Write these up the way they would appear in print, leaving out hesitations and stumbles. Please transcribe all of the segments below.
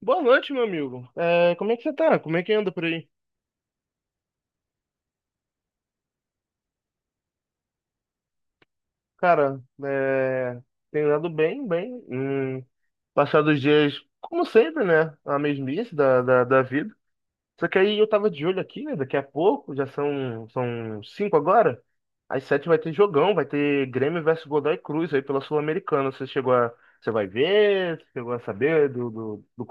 Boa noite, meu amigo. Como é que você tá? Como é que anda por aí? Cara, tenho andado bem, bem. Passado os dias, como sempre, né? A mesmice da vida. Só que aí eu tava de olho aqui, né? Daqui a pouco, já são cinco agora. Às sete vai ter jogão, vai ter Grêmio versus Godoy Cruz aí pela Sul-Americana. Você chegou a. Você vai ver? Você chegou a saber do.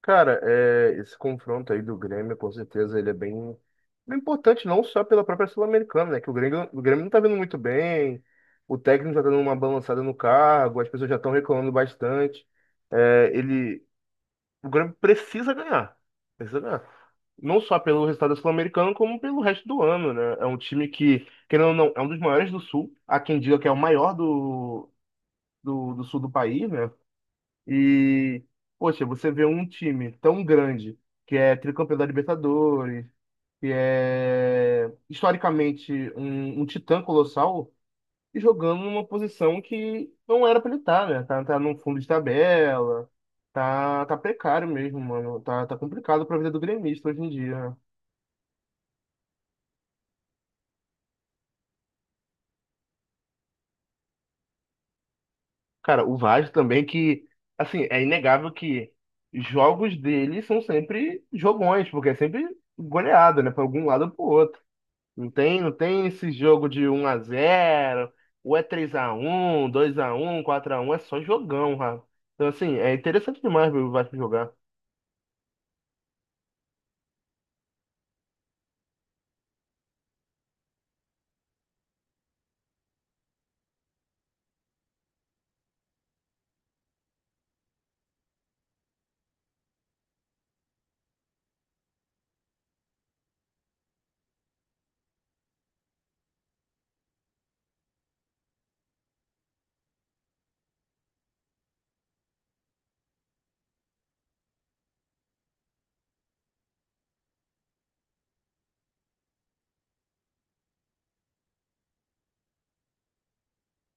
Cara, esse confronto aí do Grêmio, com certeza, ele é bem, bem importante, não só pela própria Sul-Americana, né? Que o Grêmio não tá vindo muito bem, o técnico já tá dando uma balançada no cargo, as pessoas já estão reclamando bastante. É, ele, o Grêmio precisa ganhar, precisa ganhar. Não só pelo resultado da Sul-Americana, como pelo resto do ano, né? É um time que, querendo ou não, é um dos maiores do Sul. Há quem diga que é o maior do Sul do país, né? E, poxa, você vê um time tão grande, que é tricampeão da Libertadores, que é historicamente um titã colossal, e jogando numa posição que não era pra ele estar, né? Tá no fundo de tabela, tá precário mesmo, mano. Tá complicado pra vida do gremista hoje em dia, né? Cara, o Vasco também que, assim, é inegável que jogos dele são sempre jogões, porque é sempre goleada, né? Pra algum lado ou pro outro. Não tem esse jogo de um a zero ou é 3 a um, 2 a um, 4 a um, é só jogão, cara. Então assim, é interessante demais ver o Vasco jogar.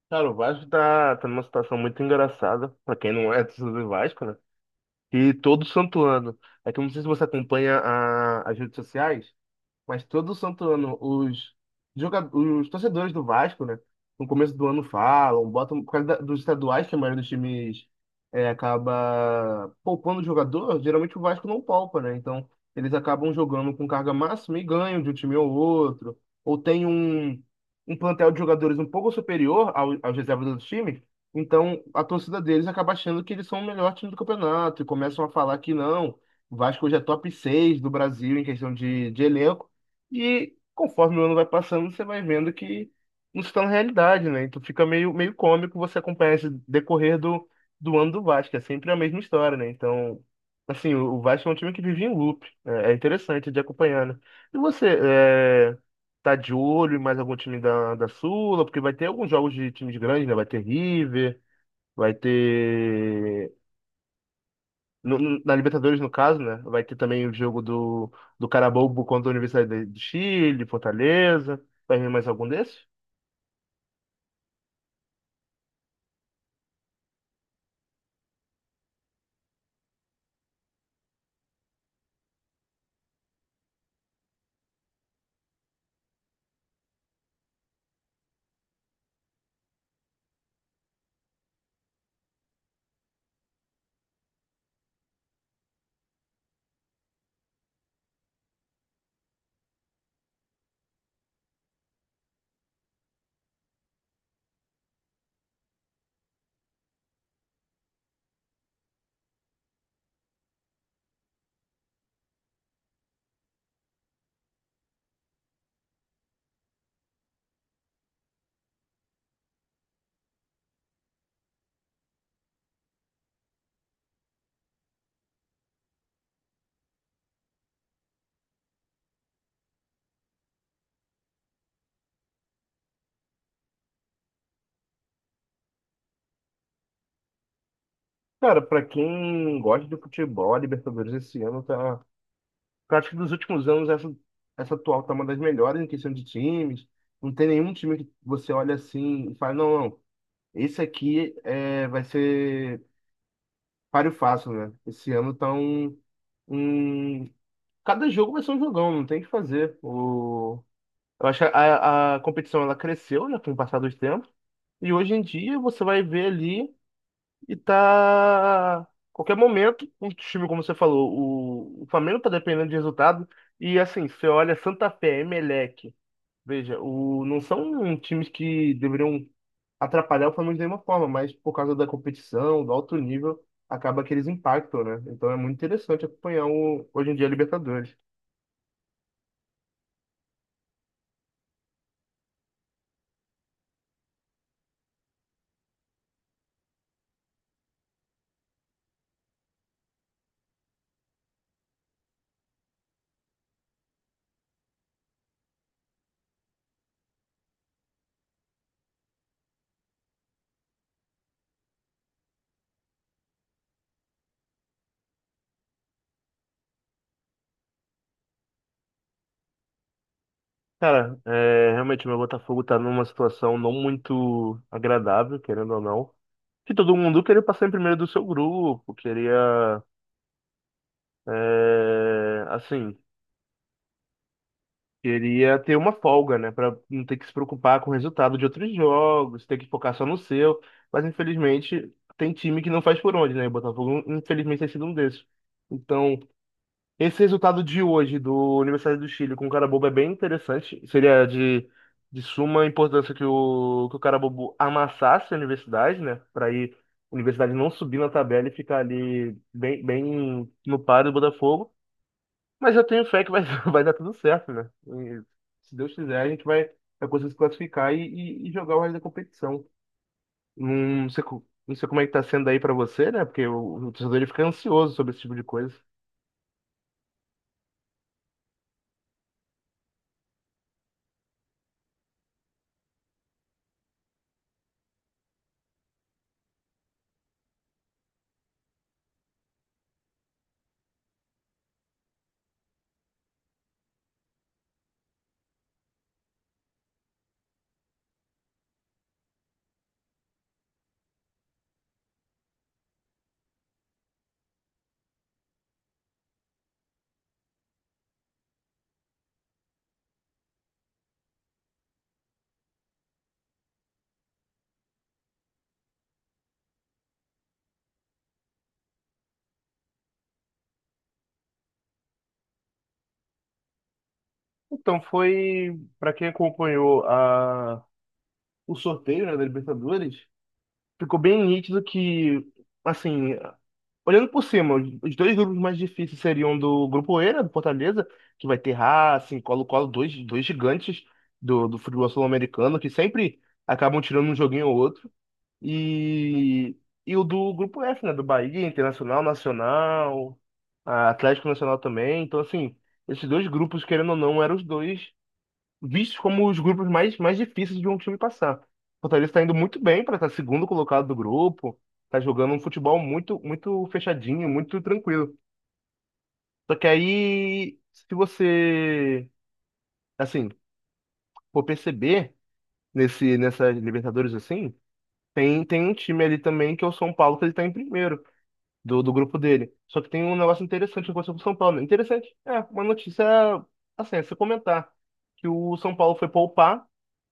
Cara, o Vasco tá numa situação muito engraçada, pra quem não é torcedor do Vasco, né? E todo santo ano. É que eu não sei se você acompanha as redes sociais, mas todo santo ano, os torcedores do Vasco, né? No começo do ano falam, botam, por causa dos estaduais, que a maioria dos times acaba poupando o jogador, geralmente o Vasco não poupa, né? Então, eles acabam jogando com carga máxima e ganham de um time ou outro. Ou tem um, um plantel de jogadores um pouco superior aos reservas dos times. Então, a torcida deles acaba achando que eles são o melhor time do campeonato e começam a falar que não, o Vasco hoje é top 6 do Brasil em questão de elenco. E conforme o ano vai passando, você vai vendo que não se torna realidade, né? Então fica meio cômico você acompanhar esse decorrer do ano do Vasco. É sempre a mesma história, né? Então, assim, o Vasco é um time que vive em loop. É interessante de acompanhar, né? E você, tá de olho em mais algum time da Sula? Porque vai ter alguns jogos de times grandes, né? Vai ter River, vai ter na Libertadores, no caso, né? Vai ter também o jogo do Carabobo contra a Universidade do Chile, Fortaleza. Vai vir mais algum desses? Cara, pra quem gosta de futebol, a Libertadores esse ano tá. Eu acho que dos últimos anos, essa atual tá uma das melhores em questão de times. Não tem nenhum time que você olha assim e fala, não, não, esse aqui é, vai ser páreo fácil, né? Esse ano tá. Um- Cada jogo vai ser um jogão, não tem o que fazer. Eu acho que a competição ela cresceu já com o passar dos tempos. E hoje em dia você vai ver ali e tá. Qualquer momento, um time, como você falou, o Flamengo tá dependendo de resultado. E assim, você olha Santa Fé, Emelec. Veja, não são times que deveriam atrapalhar o Flamengo de nenhuma forma, mas por causa da competição, do alto nível, acaba que eles impactam, né? Então é muito interessante acompanhar hoje em dia a Libertadores. Cara, realmente o meu Botafogo tá numa situação não muito agradável, querendo ou não. Que todo mundo queria passar em primeiro do seu grupo, queria, assim, queria ter uma folga, né? Pra não ter que se preocupar com o resultado de outros jogos, ter que focar só no seu. Mas infelizmente tem time que não faz por onde, né? O Botafogo, infelizmente, tem sido um desses. Então, esse resultado de hoje do Universidade do Chile com o Carabobo é bem interessante. Seria de suma importância que que o Carabobo amassasse a universidade, né? Para ir a universidade não subir na tabela e ficar ali bem, bem no par do Botafogo. Mas eu tenho fé que vai, vai dar tudo certo, né? E, se Deus quiser, a gente vai conseguir se classificar e jogar o resto da competição. Não sei, não sei como é que tá sendo aí para você, né? Porque o torcedor ele fica ansioso sobre esse tipo de coisa. Então, foi para quem acompanhou o sorteio, né, da Libertadores, ficou bem nítido que, assim, olhando por cima, os dois grupos mais difíceis seriam do Grupo E, né, do Fortaleza, que vai ter Racing, Colo-Colo, dois gigantes do futebol sul-americano, que sempre acabam tirando um joguinho ou outro, e, e o do Grupo F, né, do Bahia, Internacional, Nacional, a Atlético Nacional também, então, assim, esses dois grupos, querendo ou não, eram os dois vistos como os grupos mais difíceis de um time passar. O Fortaleza está indo muito bem para estar segundo colocado do grupo, está jogando um futebol muito, muito fechadinho, muito tranquilo. Só que aí, se você, assim, for perceber nessa Libertadores assim, tem um time ali também que é o São Paulo que ele está em primeiro do grupo dele. Só que tem um negócio interessante que aconteceu com o São Paulo, né? Interessante, uma notícia, assim, é se comentar, que o São Paulo foi poupar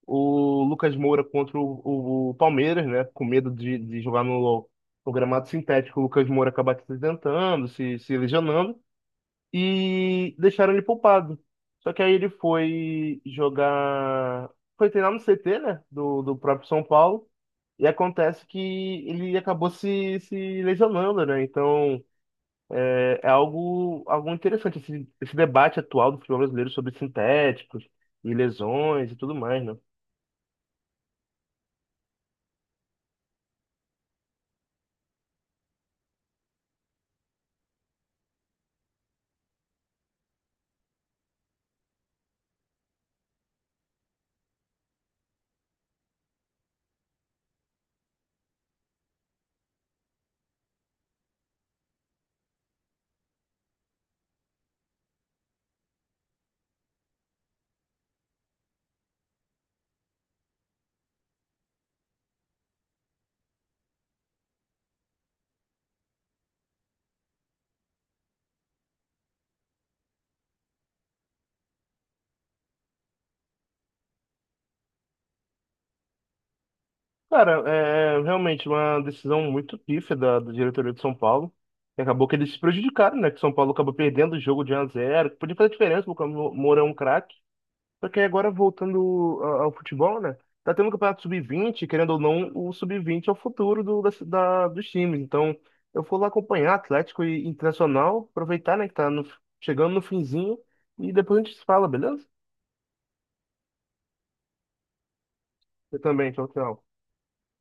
o Lucas Moura contra o Palmeiras, né, com medo de jogar no gramado sintético, o Lucas Moura acabar se acidentando, se lesionando, e deixaram ele poupado. Só que aí ele foi jogar, foi treinar no CT, né, do próprio São Paulo, e acontece que ele acabou se lesionando, né? Então, é algo interessante, esse debate atual do futebol brasileiro sobre sintéticos e lesões e tudo mais, né? Cara, é realmente uma decisão muito pífia da diretoria de São Paulo. E acabou que eles se prejudicaram, né? Que São Paulo acabou perdendo o jogo de 1-0, que podia fazer diferença, porque o Moura é um craque. Só que agora voltando ao futebol, né? Tá tendo o campeonato sub-20, querendo ou não, o sub-20 é o futuro dos times. Então, eu vou lá acompanhar Atlético e Internacional, aproveitar, né, que tá chegando no finzinho, e depois a gente se fala, beleza? Eu também, tchau, tchau.